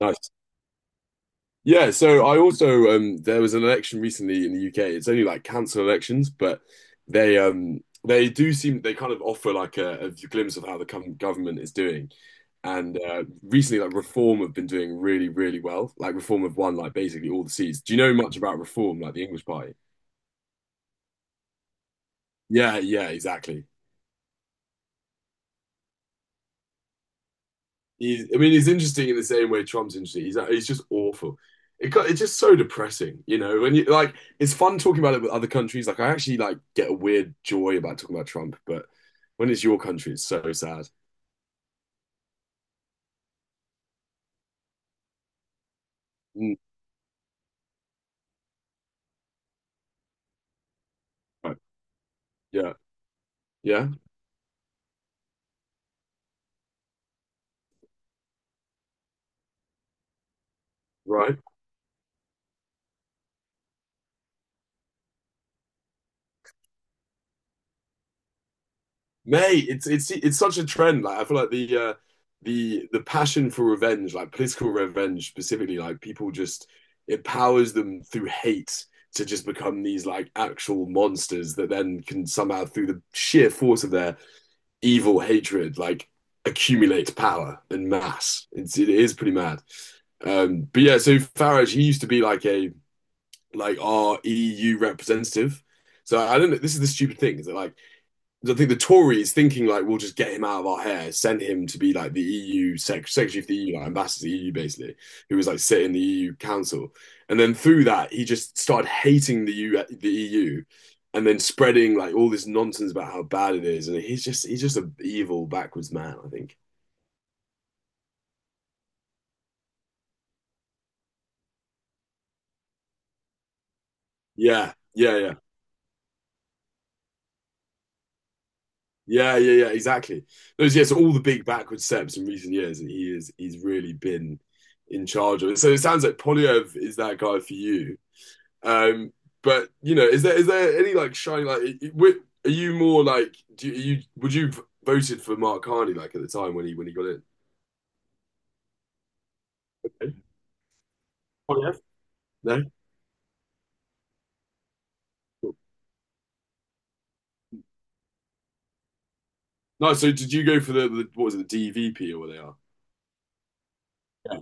Nice. Yeah, so I also there was an election recently in the UK. It's only like council elections, but they they do seem they kind of offer like a glimpse of how the government is doing. And recently like Reform have been doing really, really well. Like Reform have won like basically all the seats. Do you know much about Reform, like the English Party? Yeah, yeah, exactly. He's, I mean, he's interesting in the same way Trump's interesting. He's just awful. It's just so depressing, When it's fun talking about it with other countries. Like, I actually like get a weird joy about talking about Trump, but when it's your country, it's so sad. Mm, right. Yeah, yeah, right. Mate, it's such a trend. Like I feel like the passion for revenge, like political revenge specifically, like people just it powers them through hate to just become these like actual monsters that then can somehow through the sheer force of their evil hatred, like accumulate power and mass. It is pretty mad. But yeah, so Farage, he used to be like a like our EU representative. So I don't know. This is the stupid thing, is that like I think the Tories thinking like we'll just get him out of our hair, sent him to be like the EU secretary of the EU, like ambassador to the EU basically, who was like sitting in the EU council, and then through that he just started hating the EU, and then spreading like all this nonsense about how bad it is, and he's just an evil backwards man, I think. Yeah, yeah, yeah, yeah, exactly. All the big backward steps in recent years, and he's really been in charge of it. So it sounds like Polyev is that guy for you. Um, but you know, is there any like shiny like? Are you more like? Do you would you have voted for Mark Carney like at the time when he got in? Oh yeah. No, no. So did you go for the what was it, the DVP, or what they are? Yeah.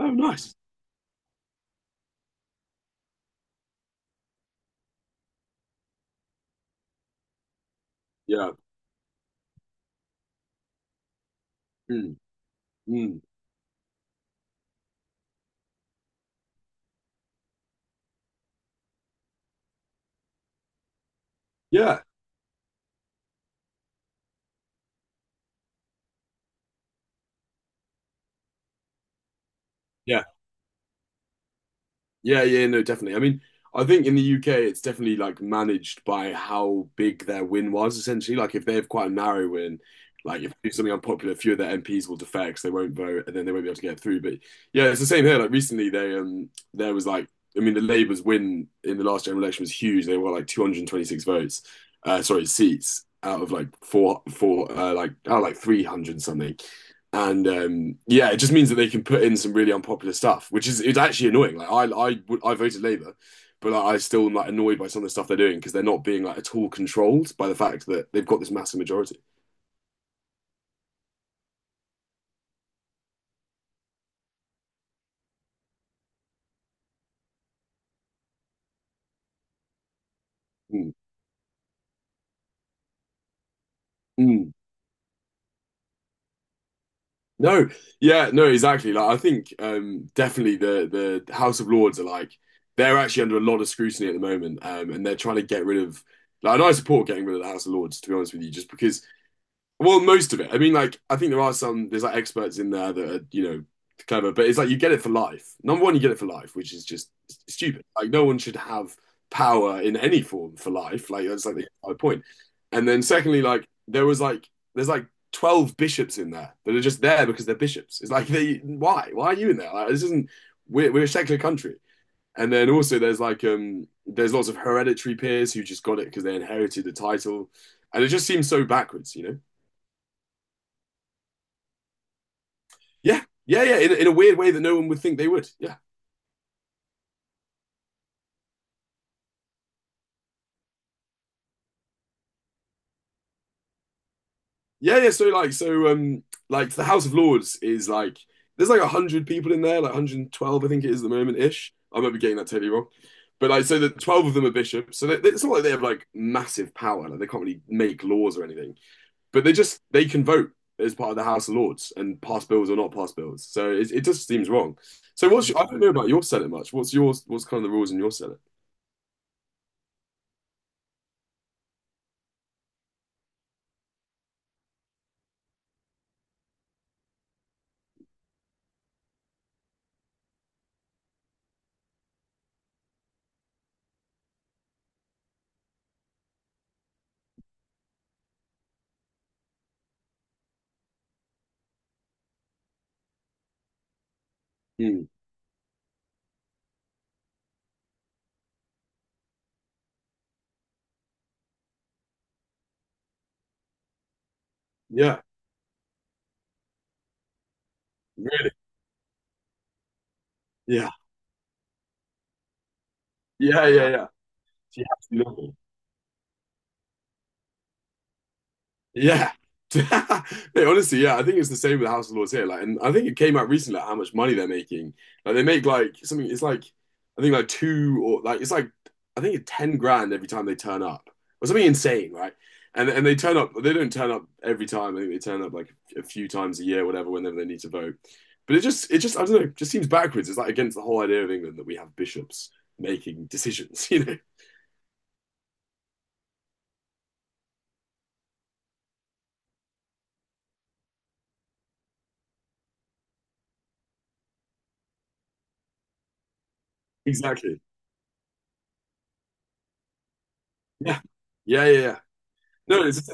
Oh, nice. Yeah. Mm, mm. Yeah. Yeah. Yeah, yeah, no, definitely. I mean, I think in the UK it's definitely like managed by how big their win was essentially. Like if they have quite a narrow win, like if they do something unpopular, a few of their MPs will defect, 'cause they won't vote, and then they won't be able to get through. But yeah, it's the same here. Like recently, they there was like I mean, the Labour's win in the last general election was huge. They won like 226 votes, sorry, seats out of like four four like out of like 300 something. And yeah, it just means that they can put in some really unpopular stuff, which is it's actually annoying. Like I voted Labour, but like, I still am like annoyed by some of the stuff they're doing because they're not being like at all controlled by the fact that they've got this massive majority. Mm, mm. No, yeah, no, exactly. Like I think definitely the House of Lords are like they're actually under a lot of scrutiny at the moment, and they're trying to get rid of. Like, and I support getting rid of the House of Lords, to be honest with you, just because. Well, most of it. I mean, like, I think there are some, there's like experts in there that are, you know, clever, but it's like you get it for life. Number one, you get it for life, which is just stupid. Like, no one should have power in any form for life. Like, that's like the entire point. And then, secondly, like, there was like, there's like 12 bishops in there that are just there because they're bishops. It's like, they, why? Why are you in there? Like, this isn't, we're a secular country. And then also, there's like, there's lots of hereditary peers who just got it because they inherited the title. And it just seems so backwards, you know? Yeah, yeah, yeah. In a weird way that no one would think they would. Yeah, yeah, yeah. Like the House of Lords is like there's like a hundred people in there, like 112, I think it is at the moment ish. I might be getting that totally wrong. But like, so the 12 of them are bishops, so it's not like they have like massive power. Like they can't really make laws or anything, but they can vote as part of the House of Lords and pass bills or not pass bills. So it just seems wrong. So what's your, I don't know about your Senate much. What's yours? What's kind of the rules in your Senate? Hmm. Yeah. Really? Yeah, yeah, yeah, yeah. She absolutely loved it. Yeah. Hey, honestly, yeah, I think it's the same with House of Lords here. Like, and I think it came out recently like, how much money they're making. Like, they make like something. It's like I think like two or like it's like I think it's 10 grand every time they turn up or something insane, right? And they turn up. They don't turn up every time. I think they turn up like a few times a year, whatever, whenever they need to vote. But it just I don't know. It just seems backwards. It's like against the whole idea of England that we have bishops making decisions. You know, exactly. Yeah, yeah, yeah, yeah. No, it's.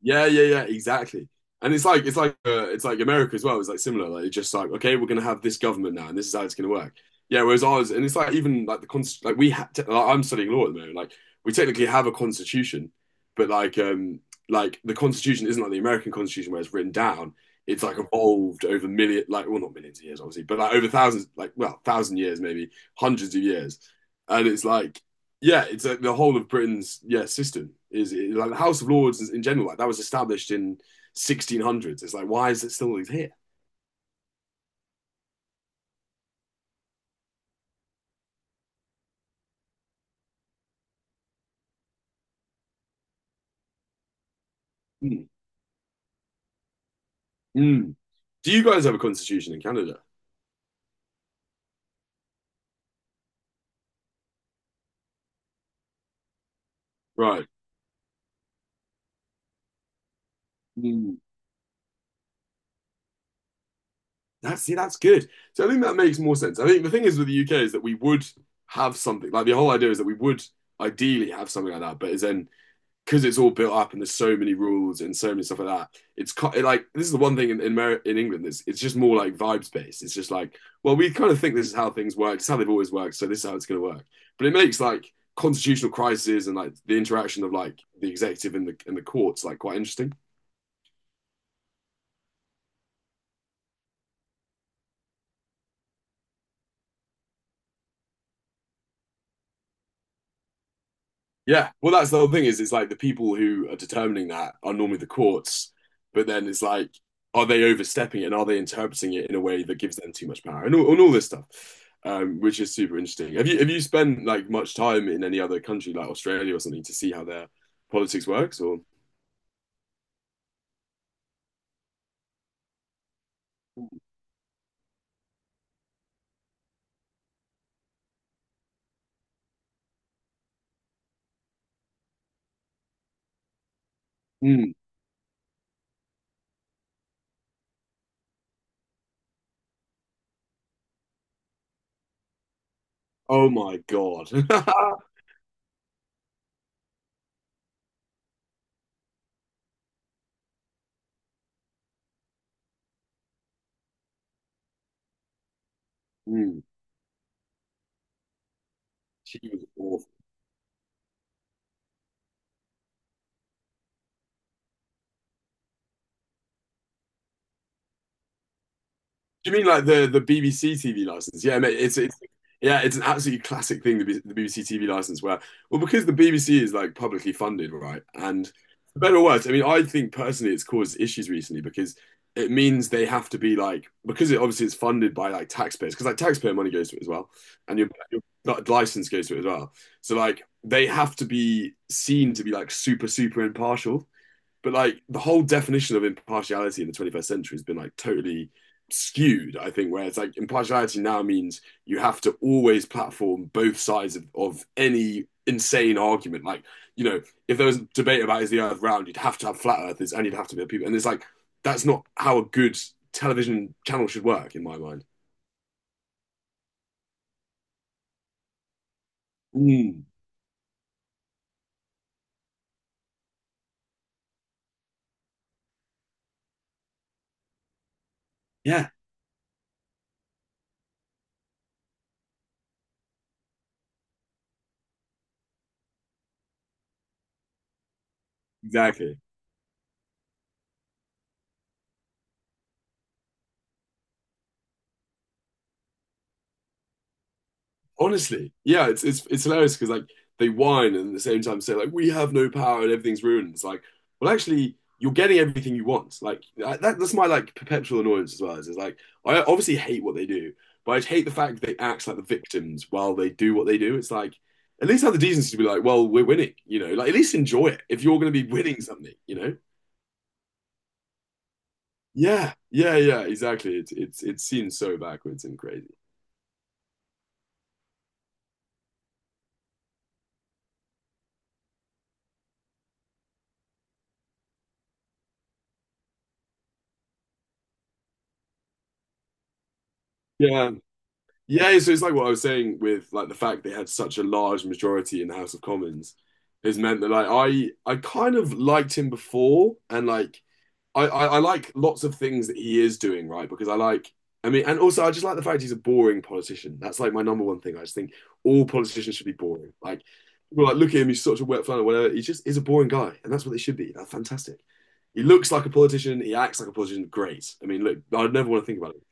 Yeah, yeah, yeah, exactly. And it's like America as well. It's like similar. Like it's just like okay, we're gonna have this government now, and this is how it's gonna work. Yeah. Whereas ours, and it's like even like the const like we ha te- like, I'm studying law at the moment. Like we technically have a constitution, but like the constitution isn't like the American constitution where it's written down. It's like evolved over million like well not millions of years obviously, but like over thousands like well thousand years, maybe hundreds of years, and it's like yeah, it's like the whole of Britain's system is like the House of Lords in general. Like that was established in 1600s. It's like why is it still here? Mm. Mm. Do you guys have a constitution in Canada? Right. Mm. That's, see, that's good. So I think that makes more sense. I think the thing is with the UK is that we would have something like the whole idea is that we would ideally have something like that, but is then because it's all built up and there's so many rules and so many stuff like that. Like this is the one thing in in England that's it's just more like vibes based. It's just like, well, we kind of think this is how things work. It's how they've always worked, so this is how it's going to work. But it makes like constitutional crises and like the interaction of like the executive and the courts like quite interesting. Yeah, well, that's the whole thing, is it's like the people who are determining that are normally the courts, but then it's like, are they overstepping it and are they interpreting it in a way that gives them too much power and all this stuff, which is super interesting. Have you spent like much time in any other country like Australia or something to see how their politics works or? Mm. Oh my God. Mm. She was awful. Do you mean like the BBC TV license? Yeah, mate, it's yeah, it's an absolutely classic thing, the BBC TV license, where well, because the BBC is like publicly funded, right? And for better or worse, I mean, I think personally it's caused issues recently because it means they have to be like because it obviously it's funded by like taxpayers because like taxpayer money goes to it as well, and your license goes to it as well. So like they have to be seen to be like super super impartial. But like the whole definition of impartiality in the 21st century has been like totally skewed, I think, where it's like impartiality now means you have to always platform both sides of any insane argument. Like, you know, if there was a debate about is the earth round, you'd have to have flat earthers and you'd have to be people. And it's like, that's not how a good television channel should work, in my mind. Mm, yeah, exactly. Honestly, yeah, it's hilarious because like they whine and at the same time say like we have no power and everything's ruined. It's like, well, actually, you're getting everything you want. That's my like perpetual annoyance as well. Is like I obviously hate what they do, but I hate the fact that they act like the victims while they do what they do. It's like at least have the decency to be like, well, we're winning, you know. Like at least enjoy it if you're going to be winning something, you know. Yeah, yeah, yeah, exactly. It seems so backwards and crazy. Yeah. Yeah, so it's like what I was saying, with like the fact they had such a large majority in the House of Commons has meant that like I kind of liked him before and like I like lots of things that he is doing right, because I like. I mean, and also I just like the fact he's a boring politician. That's like my number one thing. I just think all politicians should be boring. Like, well, like look at him, he's such a wet flannel, whatever. He just is a boring guy, and that's what they should be. That's fantastic. He looks like a politician. He acts like a politician. Great. I mean, look, I'd never want to think about it.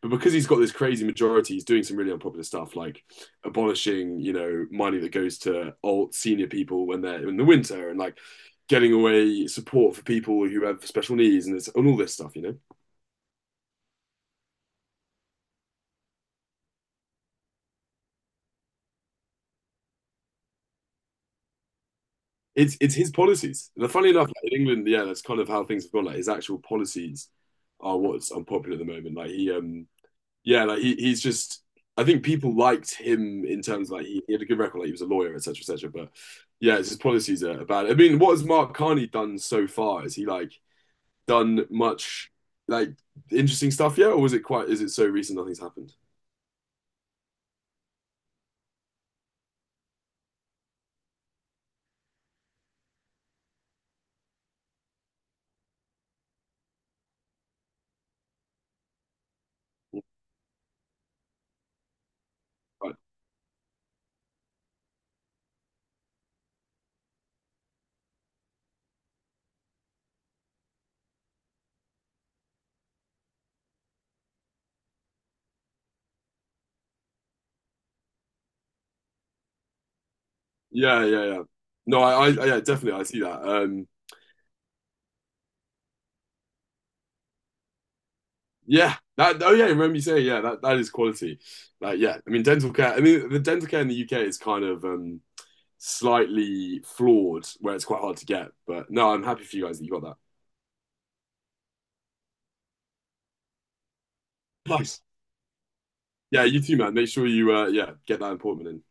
But because he's got this crazy majority, he's doing some really unpopular stuff, like abolishing, you know, money that goes to old senior people when they're in the winter, and like getting away support for people who have special needs and, this, and all this stuff, you know? It's his policies. And funny enough, like, in England, yeah, that's kind of how things have gone. Like his actual policies are what's unpopular at the moment. Yeah, he's just. I think people liked him in terms of, he had a good record, like he was a lawyer, etc., etc. But yeah, it's his policies are bad. I mean, what has Mark Carney done so far? Has he like done much like interesting stuff yet, or was it quite? Is it so recent nothing's happened? Yeah, yeah, yeah. No, yeah, definitely, I see that. Yeah, that. Oh, yeah. Remember you saying, yeah, that is quality. Like, yeah, I mean, dental care. I mean, the dental care in the UK is kind of slightly flawed, where it's quite hard to get. But no, I'm happy for you guys that you got that. Nice. Yeah, you too, man. Make sure you, yeah, get that appointment in.